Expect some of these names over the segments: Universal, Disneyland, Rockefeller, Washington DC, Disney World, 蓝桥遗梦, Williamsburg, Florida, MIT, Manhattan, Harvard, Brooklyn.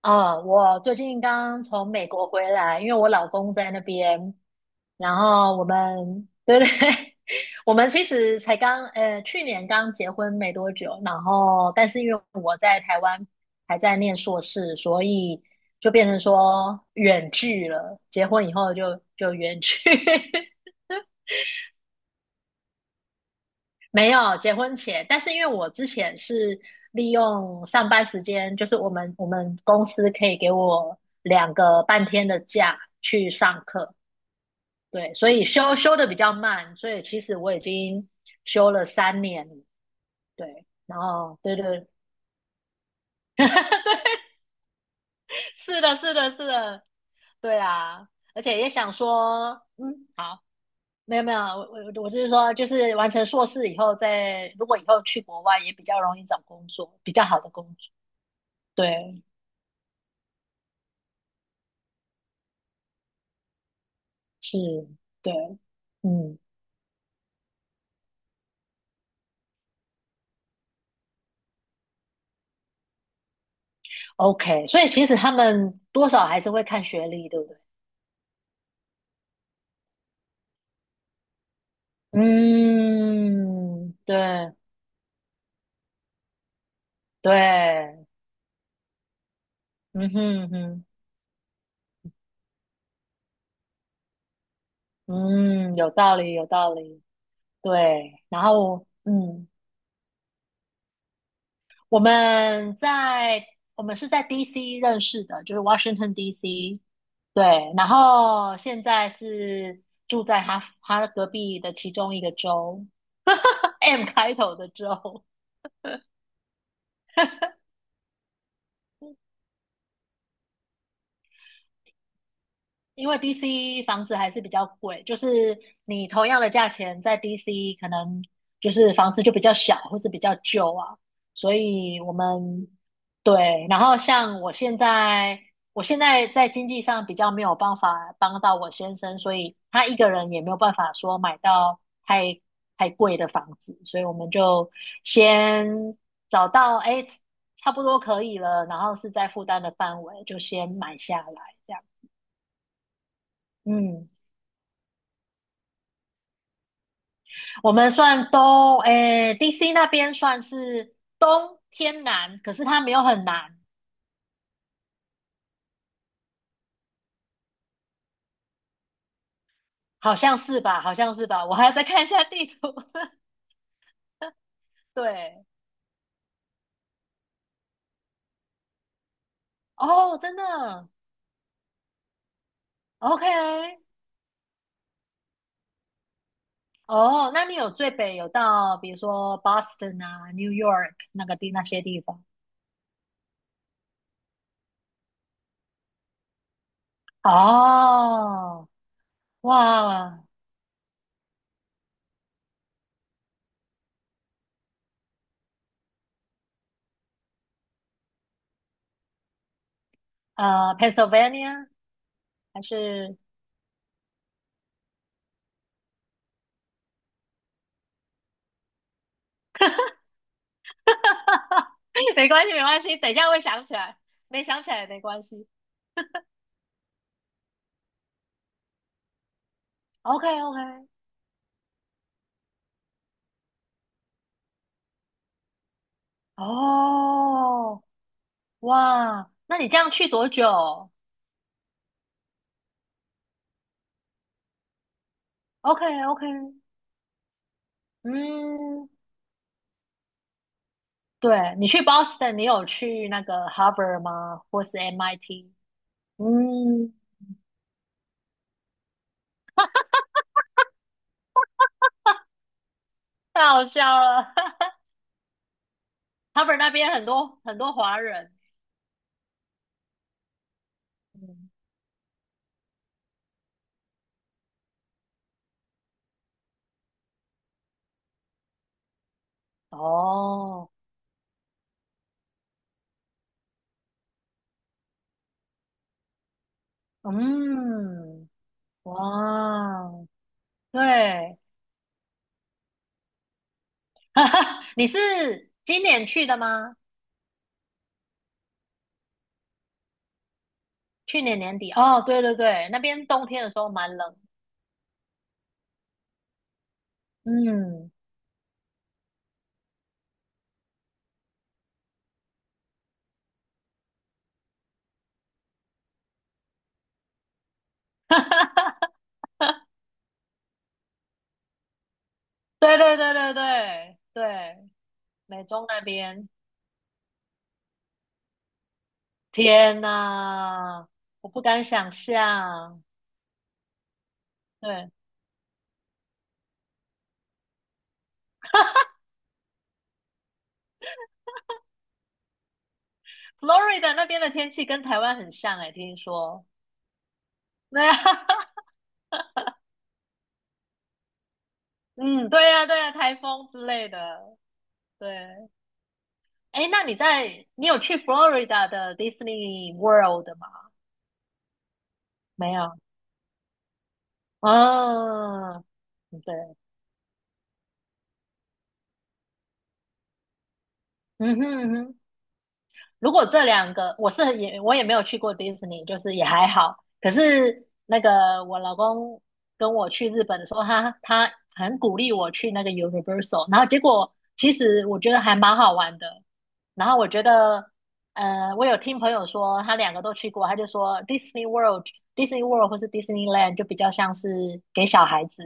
啊，我最近刚从美国回来，因为我老公在那边，然后我们，对对，我们其实才刚，去年刚结婚没多久，然后但是因为我在台湾还在念硕士，所以就变成说远距了，结婚以后就远距。没有结婚前，但是因为我之前是利用上班时间，就是我们公司可以给我两个半天的假去上课。对，所以休的比较慢，所以其实我已经休了三年了。对，然后对对，是的，是的，是的，对啊。而且也想说，嗯，好，没有没有，我就是说，就是完成硕士以后再，如果以后去国外也比较容易找工作，比较好的工作。对。是，对，嗯，OK,所以其实他们多少还是会看学历，对不对？嗯，对对，嗯哼哼，嗯，有道理，有道理，对。然后，嗯，我们在我们是在 DC 认识的，就是 Washington DC,对。然后现在是住在他隔壁的其中一个州 ，M 开头的州。因为 DC 房子还是比较贵，就是你同样的价钱在 DC 可能就是房子就比较小或是比较旧啊，所以我们，对。然后像我现在，我现在在经济上比较没有办法帮到我先生，所以他一个人也没有办法说买到太太贵的房子，所以我们就先找到，哎，差不多可以了，然后是在负担的范围就先买下来这样，嗯。我们算东，诶，DC 那边算是东偏南，可是它没有很南。好像是吧？好像是吧？我还要再看一下地图。对，哦，真的，OK。哦，那你有最北有到，比如说 Boston 啊、New York 那个地那些地方？哦，哇，Pennsylvania 还是 没关系，没关系，等一下会想起来，没想起来也没关系。OK，OK。哦，哇，那你这样去多久？OK OK,嗯，对，你去 Boston,你有去那个 Harvard 吗？或是 MIT?嗯，太好笑了 ，Harvard 那边很多很多华人。嗯，哦，嗯，哇哦，对，你是今年去的吗？去年年底？哦，对对对，那边冬天的时候蛮冷。嗯。对对对对对对，美中那边，天呐，我不敢想象。对，Florida 那边的天气跟台湾很像哎、听说。对啊，嗯，对呀、对呀、台风之类的。对，哎，那你有去 Florida 的 Disney World 吗？没有。哦，对，嗯哼嗯。如果这两个，我也没有去过迪士尼，就是也还好。可是那个我老公跟我去日本的时候，他很鼓励我去那个 Universal,然后结果其实我觉得还蛮好玩的。然后我觉得，我有听朋友说他两个都去过，他就说 Disney World、Disney World 或是 Disneyland 就比较像是给小孩子，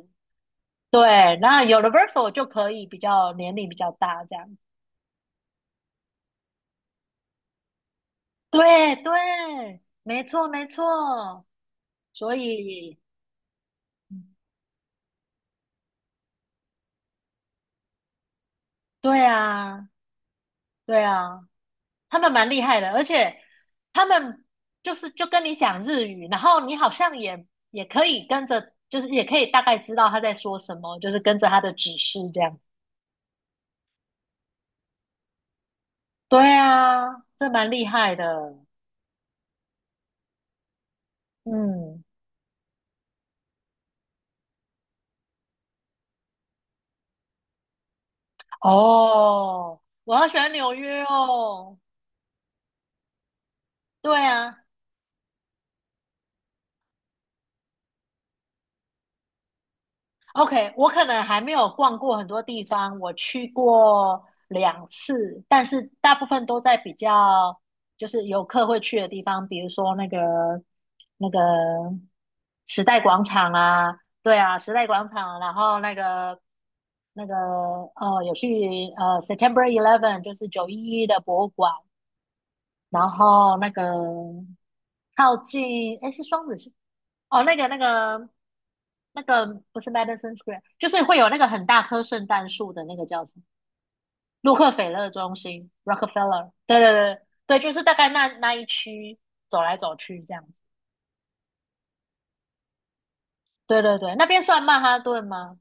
对。那 Universal 就可以比较年龄比较大这样。对对，没错没错，所以，嗯，对啊对啊，他们蛮厉害的，而且他们就是就跟你讲日语，然后你好像也可以跟着，就是也可以大概知道他在说什么，就是跟着他的指示这样。对啊，这蛮厉害的。嗯，哦，我好喜欢纽约哦。对啊，OK,我可能还没有逛过很多地方，我去过两次，但是大部分都在比较就是游客会去的地方，比如说那个时代广场啊，对啊，时代广场，然后那个有去September Eleven,就是九一一的博物馆，然后那个靠近，诶，是双子星。哦，那个不是 Madison Square,就是会有那个很大棵圣诞树的那个叫什么？洛克菲勒中心 （Rockefeller）。对对对对，就是大概那一区走来走去这样子。对对对，那边算曼哈顿吗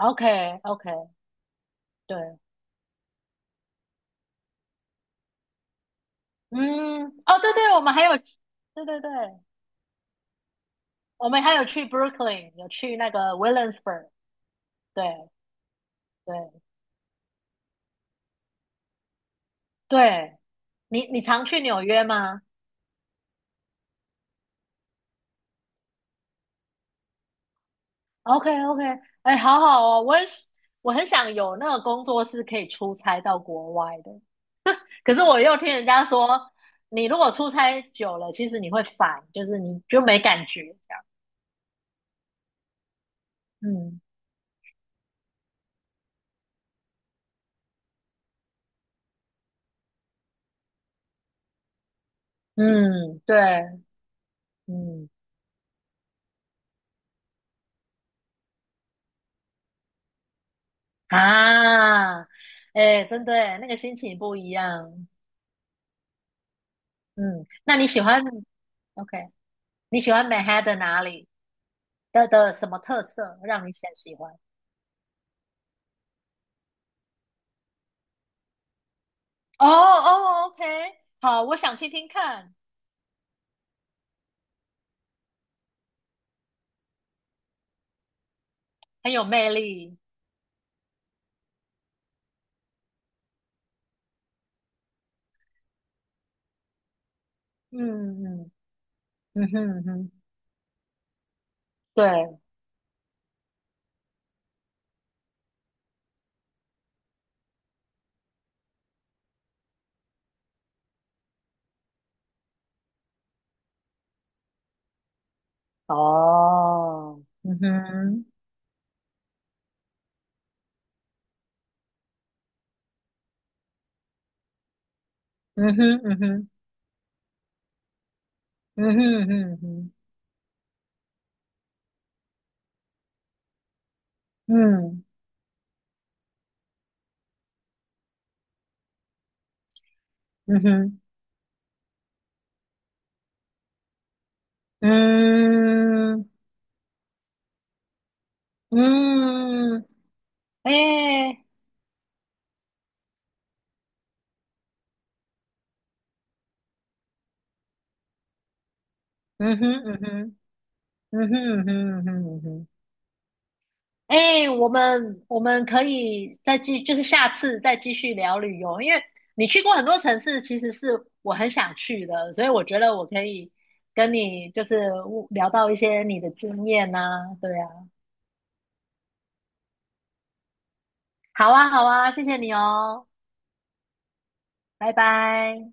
？OK OK,对，嗯，哦，对对，我们还有，对对对，我们还有去 Brooklyn,有去那个 Williamsburg。对对对，你常去纽约吗？OK OK,哎，好好哦，我也是，我很想有那个工作室可以出差到国外的，可是我又听人家说，你如果出差久了，其实你会烦，就是你就没感觉这样。嗯嗯，对，嗯啊，哎，真的耶，那个心情不一样。嗯，那你喜欢， OK?你喜欢 Manhattan 哪里的什么特色让你很喜欢？哦哦，OK,好，我想听听看，很有魅力。嗯嗯，嗯哼嗯哼，对，哦，嗯哼嗯哼，嗯哼嗯哼，嗯哼嗯，嗯哼嗯，嗯，哎，嗯哼嗯哼，嗯哼嗯哼，嗯哼嗯哼。哎，我们可以就是下次再继续聊旅游，因为你去过很多城市，其实是我很想去的，所以我觉得我可以跟你就是聊到一些你的经验呐、对啊，好啊，好啊，谢谢你哦，拜拜。